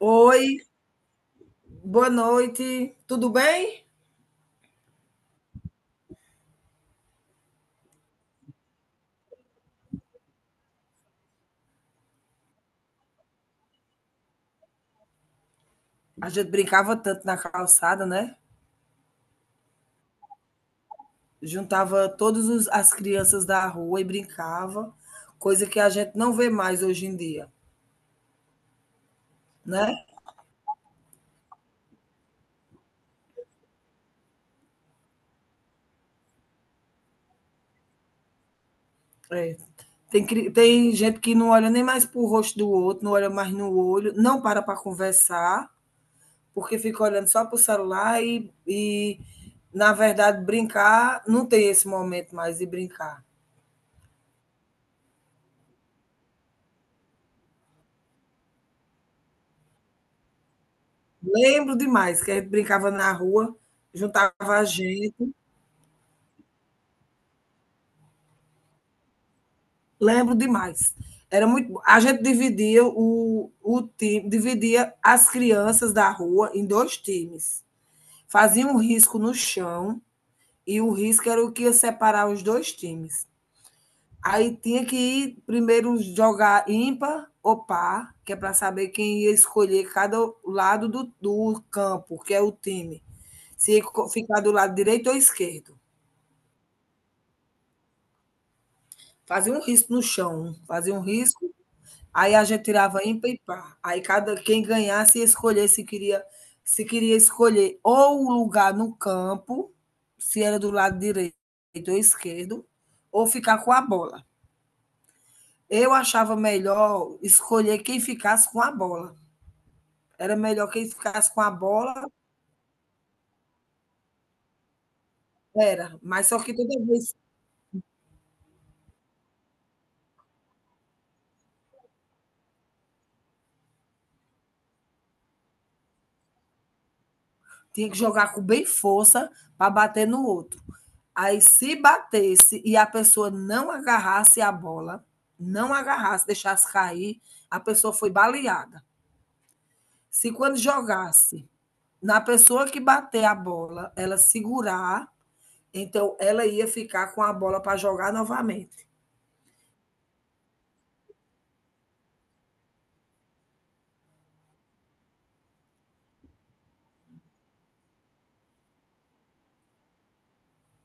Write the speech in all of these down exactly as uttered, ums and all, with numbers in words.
Oi, boa noite. Tudo bem? A gente brincava tanto na calçada, né? Juntava todas as crianças da rua e brincava, coisa que a gente não vê mais hoje em dia, né? É. Tem, cri- tem gente que não olha nem mais para o rosto do outro, não olha mais no olho, não para para conversar, porque fica olhando só para o celular e, e, na verdade, brincar, não tem esse momento mais de brincar. Lembro demais, que a gente brincava na rua, juntava a gente, lembro demais. Era muito bom. A gente dividia o, o time, dividia as crianças da rua em dois times. Fazia um risco no chão e o risco era o que ia separar os dois times. Aí tinha que ir primeiro jogar ímpar ou par, que é para saber quem ia escolher cada lado do, do campo, que é o time. Se ia ficar do lado direito ou esquerdo. Fazia um risco no chão, fazia um risco, aí a gente tirava ímpar e par. Aí cada quem ganhasse ia escolher se queria se queria escolher ou o lugar no campo, se era do lado direito ou esquerdo, ou ficar com a bola. Eu achava melhor escolher quem ficasse com a bola. Era melhor quem ficasse com a bola, era, mas só que toda vez tinha que jogar com bem força para bater no outro. Aí, se batesse e a pessoa não agarrasse a bola, não agarrasse, deixasse cair, a pessoa foi baleada. Se quando jogasse na pessoa que bater a bola, ela segurar, então ela ia ficar com a bola para jogar novamente.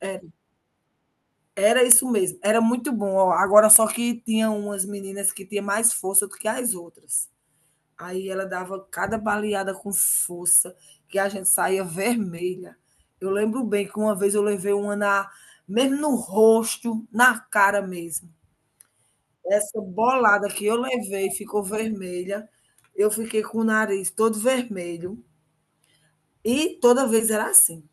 Era, era isso mesmo, era muito bom. Ó, agora só que tinha umas meninas que tinha mais força do que as outras. Aí ela dava cada baleada com força, que a gente saía vermelha. Eu lembro bem que uma vez eu levei uma na, mesmo no rosto, na cara mesmo. Essa bolada que eu levei ficou vermelha. Eu fiquei com o nariz todo vermelho. E toda vez era assim.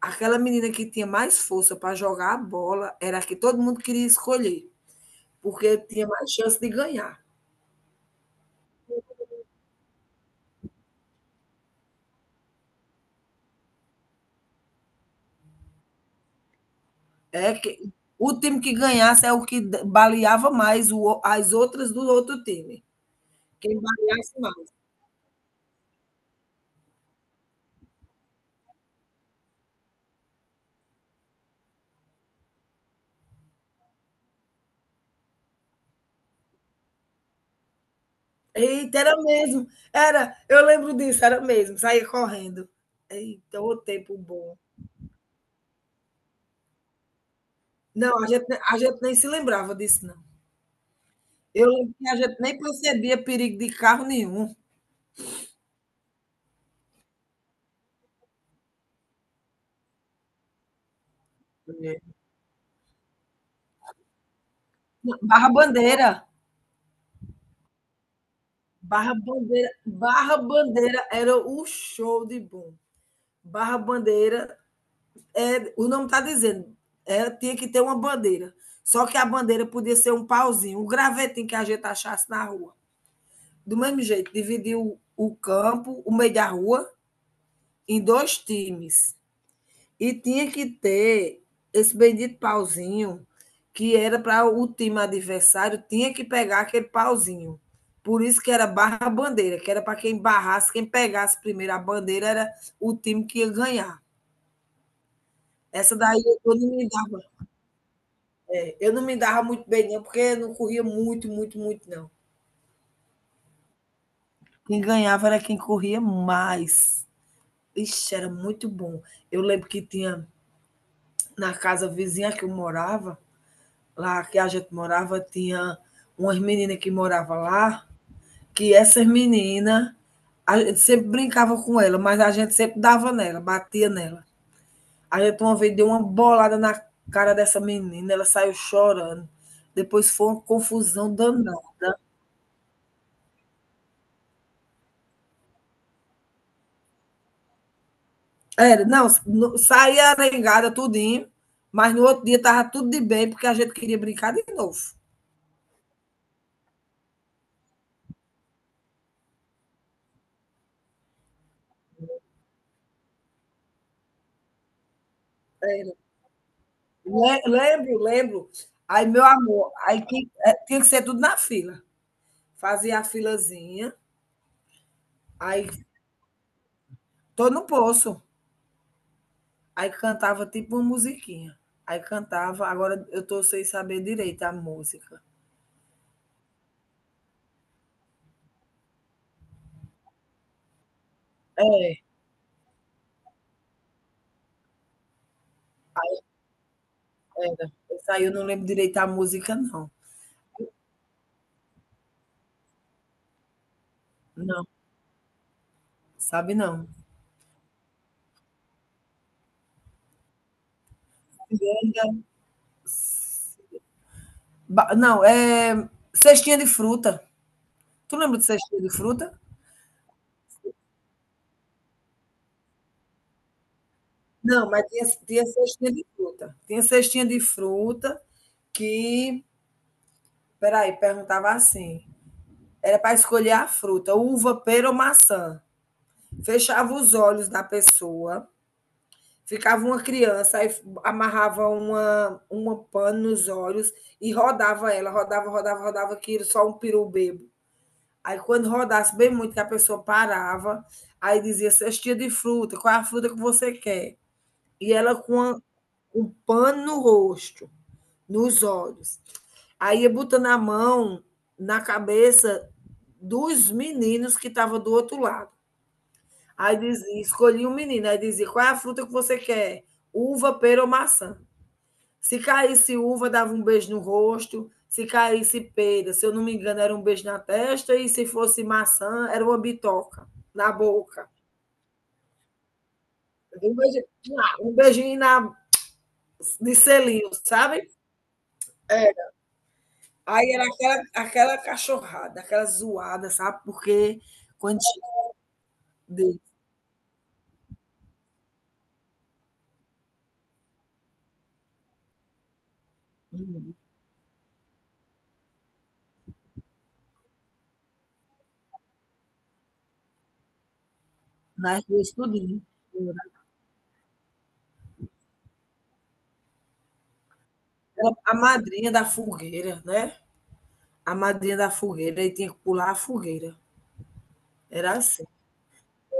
Aquela menina que tinha mais força para jogar a bola era a que todo mundo queria escolher, porque tinha mais chance de ganhar. É que o time que ganhasse é o que d- baleava mais o- as outras do outro time. Quem baleasse mais. Eita, era mesmo. Era, eu lembro disso, era mesmo, saía correndo. Eita, o tempo bom. Não, a gente, ne- a gente nem se lembrava disso, não. Eu lembro que a gente nem percebia perigo de carro nenhum. É. Barra Bandeira. Barra Bandeira, Barra Bandeira era o show de bom. Barra Bandeira, é, o nome está dizendo, é, tinha que ter uma bandeira. Só que a bandeira podia ser um pauzinho, um gravetinho que a gente achasse na rua. Do mesmo jeito, dividiu o campo, o meio da rua, em dois times. E tinha que ter esse bendito pauzinho, que era para o time adversário, tinha que pegar aquele pauzinho. Por isso que era barra bandeira, que era para quem barrasse, quem pegasse primeiro a bandeira era o time que ia ganhar. Essa daí eu não me dava Eu não me dava muito bem, não, porque eu não corria muito, muito, muito, não. Quem ganhava era quem corria mais. Ixi, era muito bom. Eu lembro que tinha na casa vizinha que eu morava, lá que a gente morava, tinha umas meninas que moravam lá, que essas meninas, a gente sempre brincava com ela, mas a gente sempre dava nela, batia nela. A gente uma vez deu uma bolada na cara dessa menina, ela saiu chorando. Depois foi uma confusão danada. Era, não, saía arengada tudinho, mas no outro dia estava tudo de bem, porque a gente queria brincar de novo. Era. Lembro, lembro. Aí, meu amor, aí é, tinha que ser tudo na fila. Fazia a filazinha, aí tô no poço. Aí cantava tipo uma musiquinha. Aí cantava, agora eu tô sem saber direito a música. É, era. Essa aí eu não lembro direito a música, não. Não, sabe não. Não, é cestinha de fruta. Tu lembra de cestinha de fruta? Não, mas tinha tinha cestinha de fruta. Tinha cestinha de fruta que peraí, perguntava assim, era para escolher a fruta, uva, pera ou maçã. Fechava os olhos da pessoa, ficava uma criança, aí amarrava uma uma pano nos olhos e rodava ela, rodava, rodava, rodava, aquilo, só um peru bêbado. Aí quando rodasse bem muito, que a pessoa parava, aí dizia: "Cestinha de fruta, qual é a fruta que você quer?". E ela com a um pano no rosto, nos olhos. Aí ia botando a mão na cabeça dos meninos que estavam do outro lado. Aí dizia, escolhi um menino, aí dizia, qual é a fruta que você quer? Uva, pera ou maçã? Se caísse uva, dava um beijo no rosto. Se caísse pera, se eu não me engano, era um beijo na testa. E se fosse maçã, era uma bitoca na boca. Um beijinho, um beijinho na, de selinho, sabe? Aí era aquela, aquela cachorrada, aquela zoada, sabe? Porque quando de, nas ruas tudinho, era a madrinha da fogueira, né? A madrinha da fogueira, e tinha que pular a fogueira. Era assim,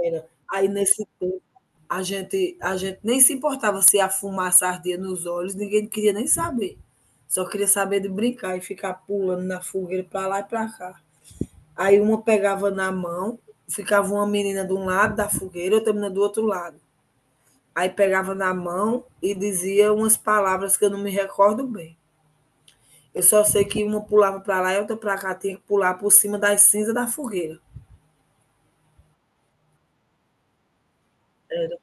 era. Aí nesse tempo a gente, a gente nem se importava se a fumaça ardia nos olhos, ninguém queria nem saber. Só queria saber de brincar e ficar pulando na fogueira para lá e para cá. Aí uma pegava na mão, ficava uma menina de um lado da fogueira, outra menina do outro lado. Aí pegava na mão e dizia umas palavras que eu não me recordo bem. Eu só sei que uma pulava para lá e outra para cá, tinha que pular por cima das cinzas da fogueira. Era,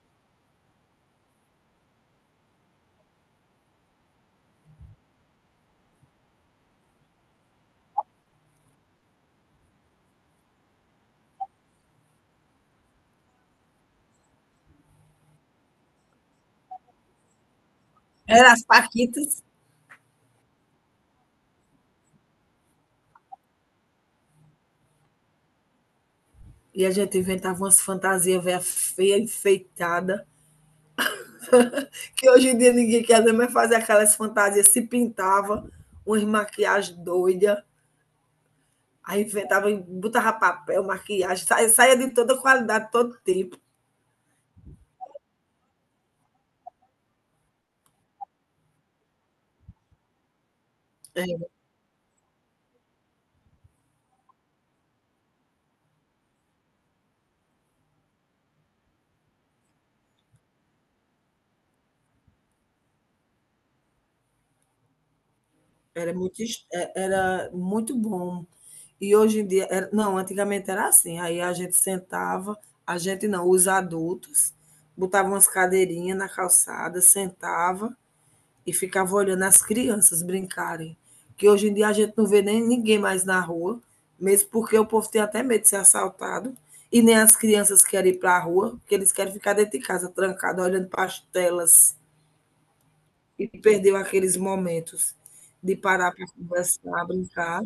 era as paquitas. E a gente inventava umas fantasias velha feia, enfeitada, que hoje em dia ninguém quer mais fazer aquelas fantasias, se pintava, umas maquiagens doidas. Aí inventava, botava papel, maquiagem, saía saía de toda qualidade, todo tempo. É, era muito es é era muito bom. E hoje em dia era não, antigamente era assim, aí a gente sentava, a gente não, os adultos, botavam umas cadeirinhas na calçada, sentava e ficava olhando as crianças brincarem. Que hoje em dia a gente não vê nem ninguém mais na rua, mesmo porque o povo tem até medo de ser assaltado. E nem as crianças querem ir para a rua, porque eles querem ficar dentro de casa, trancado, olhando para as telas. E perdeu aqueles momentos de parar para conversar, brincar.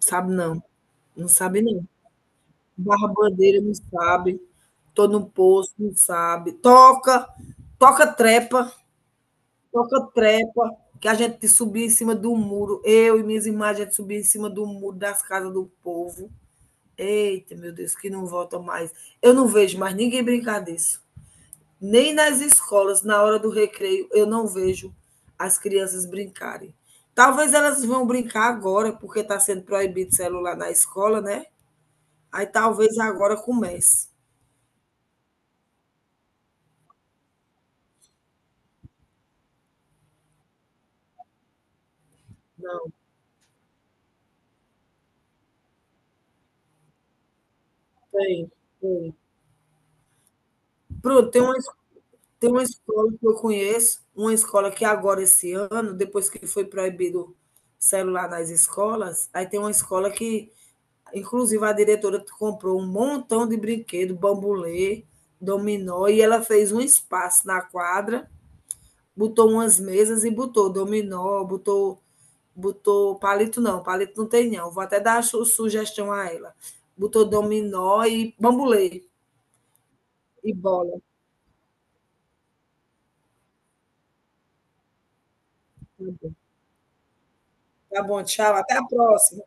Sabe não, não sabe não. Barra bandeira não sabe, tô no posto não sabe. Toca, toca trepa, toca-trepa, que a gente subia em cima do muro. Eu e minhas irmãs, a gente subia em cima do muro das casas do povo. Eita, meu Deus, que não volta mais. Eu não vejo mais ninguém brincar disso. Nem nas escolas, na hora do recreio, eu não vejo as crianças brincarem. Talvez elas vão brincar agora, porque está sendo proibido celular na escola, né? Aí talvez agora comece. Não, tem, tem. Pronto, tem uma tem uma escola que eu conheço, uma escola que é agora, esse ano, depois que foi proibido celular nas escolas, aí tem uma escola que, inclusive, a diretora comprou um montão de brinquedo, bambolê, dominó, e ela fez um espaço na quadra, botou umas mesas e botou dominó, botou, botou palito não, palito não tem não, vou até dar su- sugestão a ela. Botou dominó e bambolê e bola. Tá bom, tchau, até a próxima.